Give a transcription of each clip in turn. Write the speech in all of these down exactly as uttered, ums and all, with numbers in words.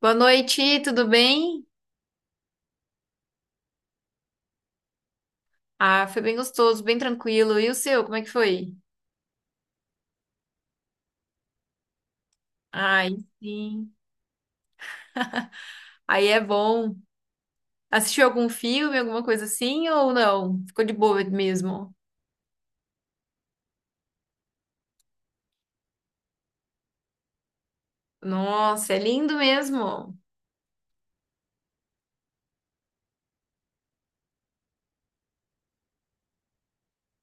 Boa noite, tudo bem? Ah, foi bem gostoso, bem tranquilo. E o seu, como é que foi? Ai, sim. Aí é bom. Assistiu algum filme, alguma coisa assim ou não? Ficou de boa mesmo? Nossa, é lindo mesmo.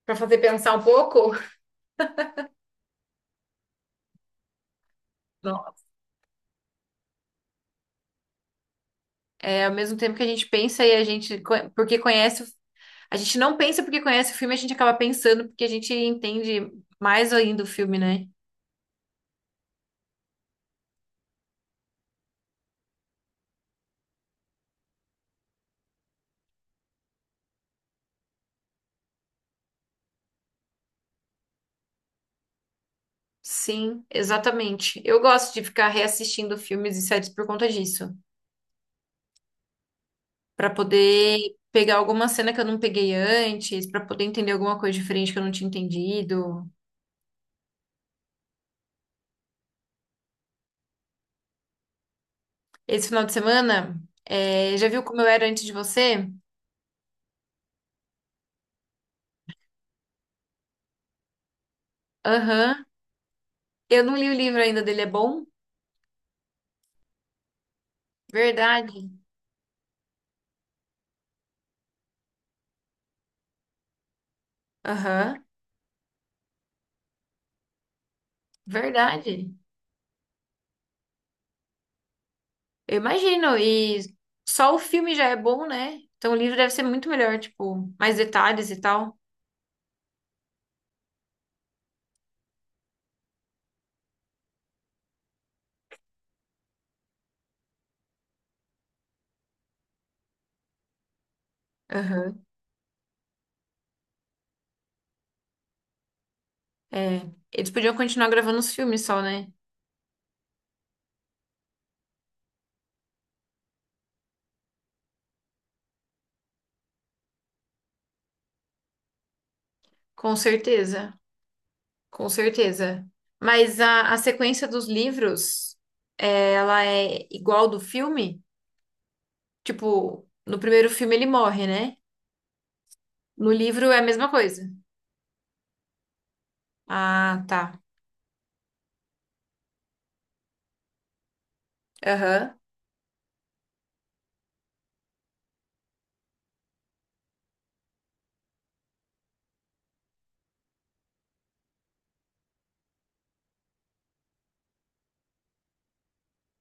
Pra fazer pensar um pouco? Não. É ao mesmo tempo que a gente pensa e a gente, co- porque conhece, o- a gente não pensa porque conhece o filme, a gente acaba pensando porque a gente entende mais ainda o filme, né? Sim, exatamente. Eu gosto de ficar reassistindo filmes e séries por conta disso, para poder pegar alguma cena que eu não peguei antes, para poder entender alguma coisa diferente que eu não tinha entendido. Esse final de semana, é, já viu como eu era antes de você? Aham. Eu não li o livro ainda dele, é bom? Verdade. Aham. Verdade. Eu imagino. E só o filme já é bom, né? Então o livro deve ser muito melhor, tipo, mais detalhes e tal. Aham. É. Eles podiam continuar gravando os filmes só, né? Com certeza. Com certeza. Mas a, a sequência dos livros, é, ela é igual do filme? Tipo, no primeiro filme ele morre, né? No livro é a mesma coisa. Ah, tá. Aham,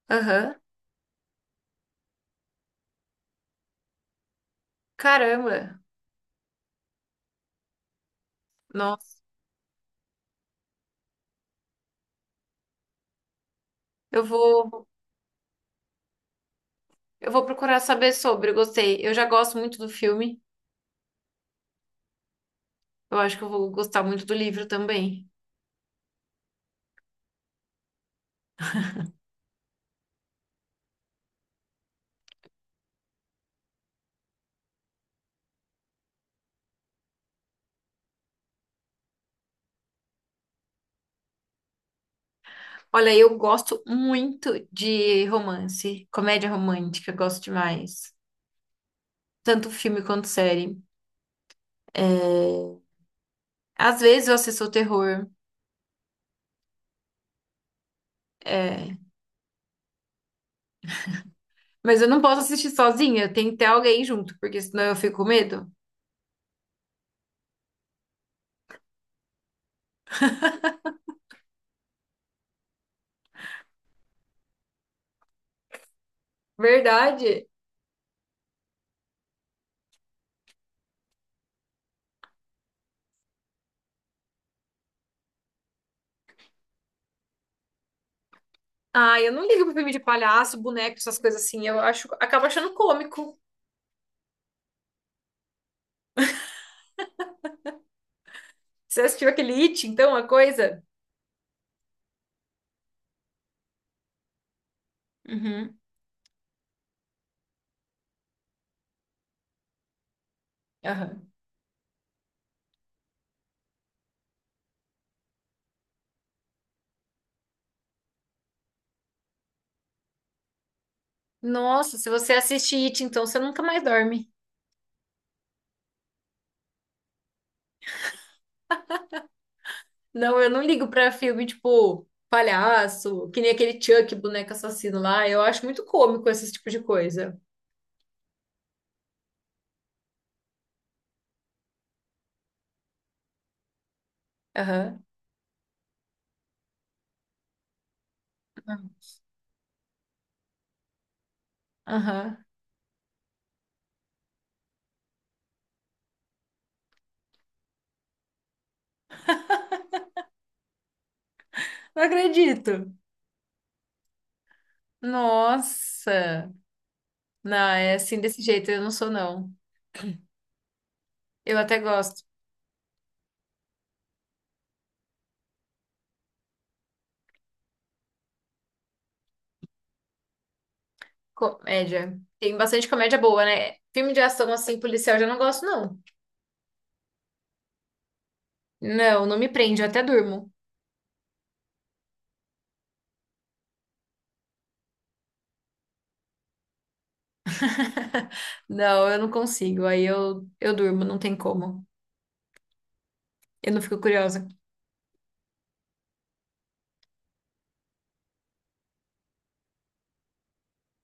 aham. Caramba. Nossa, eu vou, eu vou procurar saber sobre. Eu gostei. Eu já gosto muito do filme. Eu acho que eu vou gostar muito do livro também. Olha, eu gosto muito de romance, comédia romântica, eu gosto demais. Tanto filme quanto série. É, às vezes eu assisto terror, é, mas eu não posso assistir sozinha, tem que ter alguém junto, porque senão eu fico com medo. Verdade. Ah, eu não ligo pra filme de palhaço, boneco, essas coisas assim. Eu acho, acabo achando cômico. Você assistiu aquele It, então, a coisa? Uhum. Aham. Nossa, se você assiste It, então você nunca mais dorme. Não, eu não ligo pra filme tipo palhaço, que nem aquele Chuck, boneco assassino lá. Eu acho muito cômico esse tipo de coisa. Aham. Aham. Não acredito. Nossa! Não, é assim desse jeito, eu não sou, não. Eu até gosto. Comédia. Tem bastante comédia boa, né? Filme de ação, assim, policial, eu já não gosto, não. Não, não me prende, eu até durmo. Não, eu não consigo. Aí eu, eu durmo, não tem como. Eu não fico curiosa.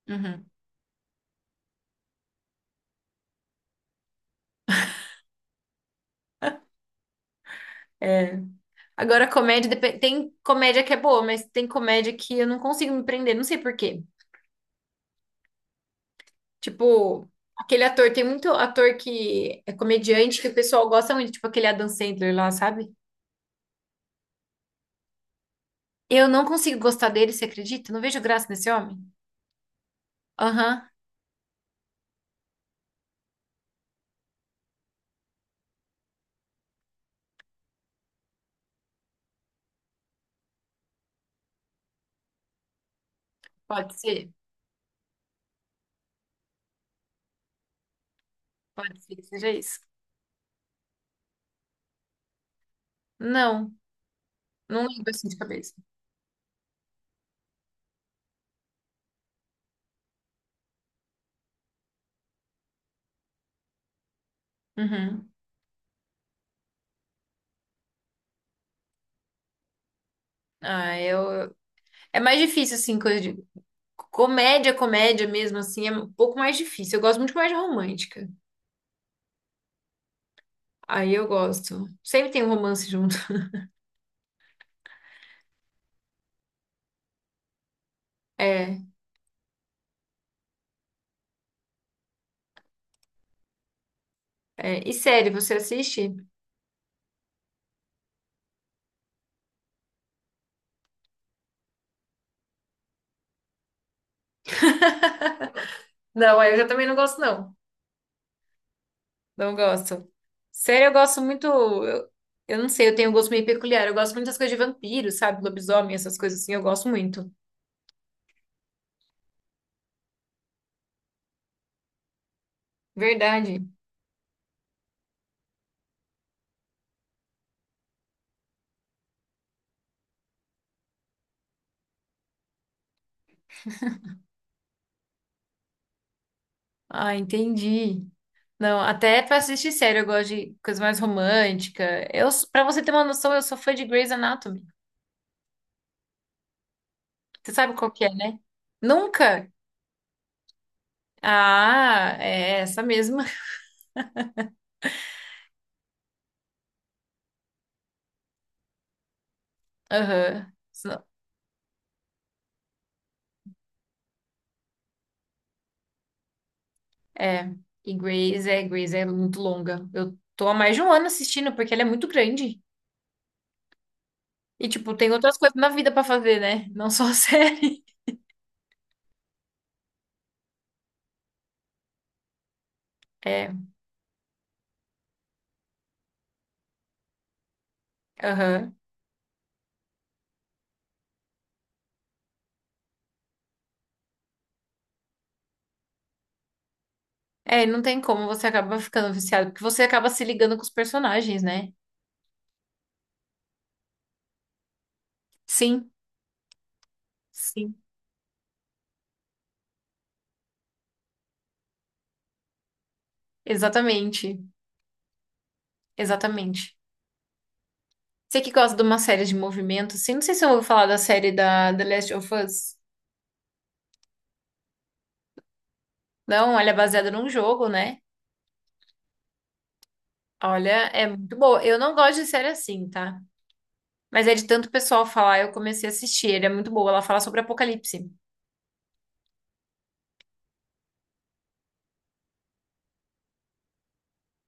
Uhum. É. Agora, comédia, depe- tem comédia que é boa, mas tem comédia que eu não consigo me prender, não sei por quê. Tipo, aquele ator, tem muito ator que é comediante que o pessoal gosta muito, tipo aquele Adam Sandler lá, sabe? Eu não consigo gostar dele, você acredita? Não vejo graça nesse homem. Aham, pode ser. Pode ser que seja isso. Não, não lembro assim de cabeça. Uhum. Ah, eu... É mais difícil, assim, coisa de... Comédia, comédia mesmo, assim, é um pouco mais difícil. Eu gosto muito de comédia romântica. Aí eu gosto. Sempre tem um romance junto. É, é. E série, você assiste? Não, aí eu já também não gosto, não. Não gosto. Sério, eu gosto muito. Eu, eu não sei, eu tenho um gosto meio peculiar. Eu gosto muito das coisas de vampiro, sabe? Lobisomem, essas coisas assim, eu gosto muito. Verdade. Ah, entendi. Não, até pra assistir sério, eu gosto de coisa mais romântica. Eu, pra você ter uma noção, eu sou fã de Grey's Anatomy. Você sabe qual que é, né? Nunca? Ah, é essa mesma. Aham. Sno- É. E Grey's é, Grey's é muito longa. Eu tô há mais de um ano assistindo, porque ela é muito grande. E, tipo, tem outras coisas na vida pra fazer, né? Não só a série. É, aham. É, não tem como, você acaba ficando viciado, porque você acaba se ligando com os personagens, né? Sim, sim. Exatamente, exatamente. Você que gosta de uma série de movimento, assim, não sei se eu ouvi falar da série da The Last of Us. Não, ela é baseada num jogo, né? Olha, é muito boa. Eu não gosto de série assim, tá? Mas é de tanto pessoal falar, eu comecei a assistir. Ele é muito boa. Ela fala sobre apocalipse.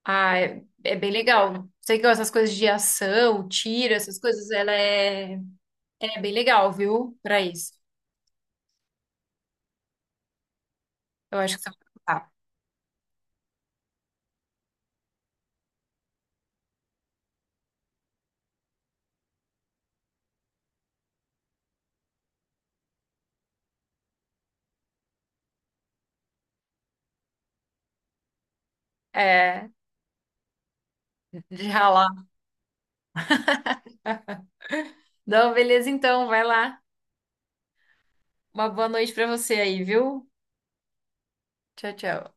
Ah, é, é bem legal. Sei que essas coisas de ação, tiro, essas coisas, ela é, é bem legal, viu? Pra isso. Eu acho que você vai gostar. É, de ralar. Não, beleza então, vai lá. Uma boa noite pra você aí, viu? Tchau, tchau.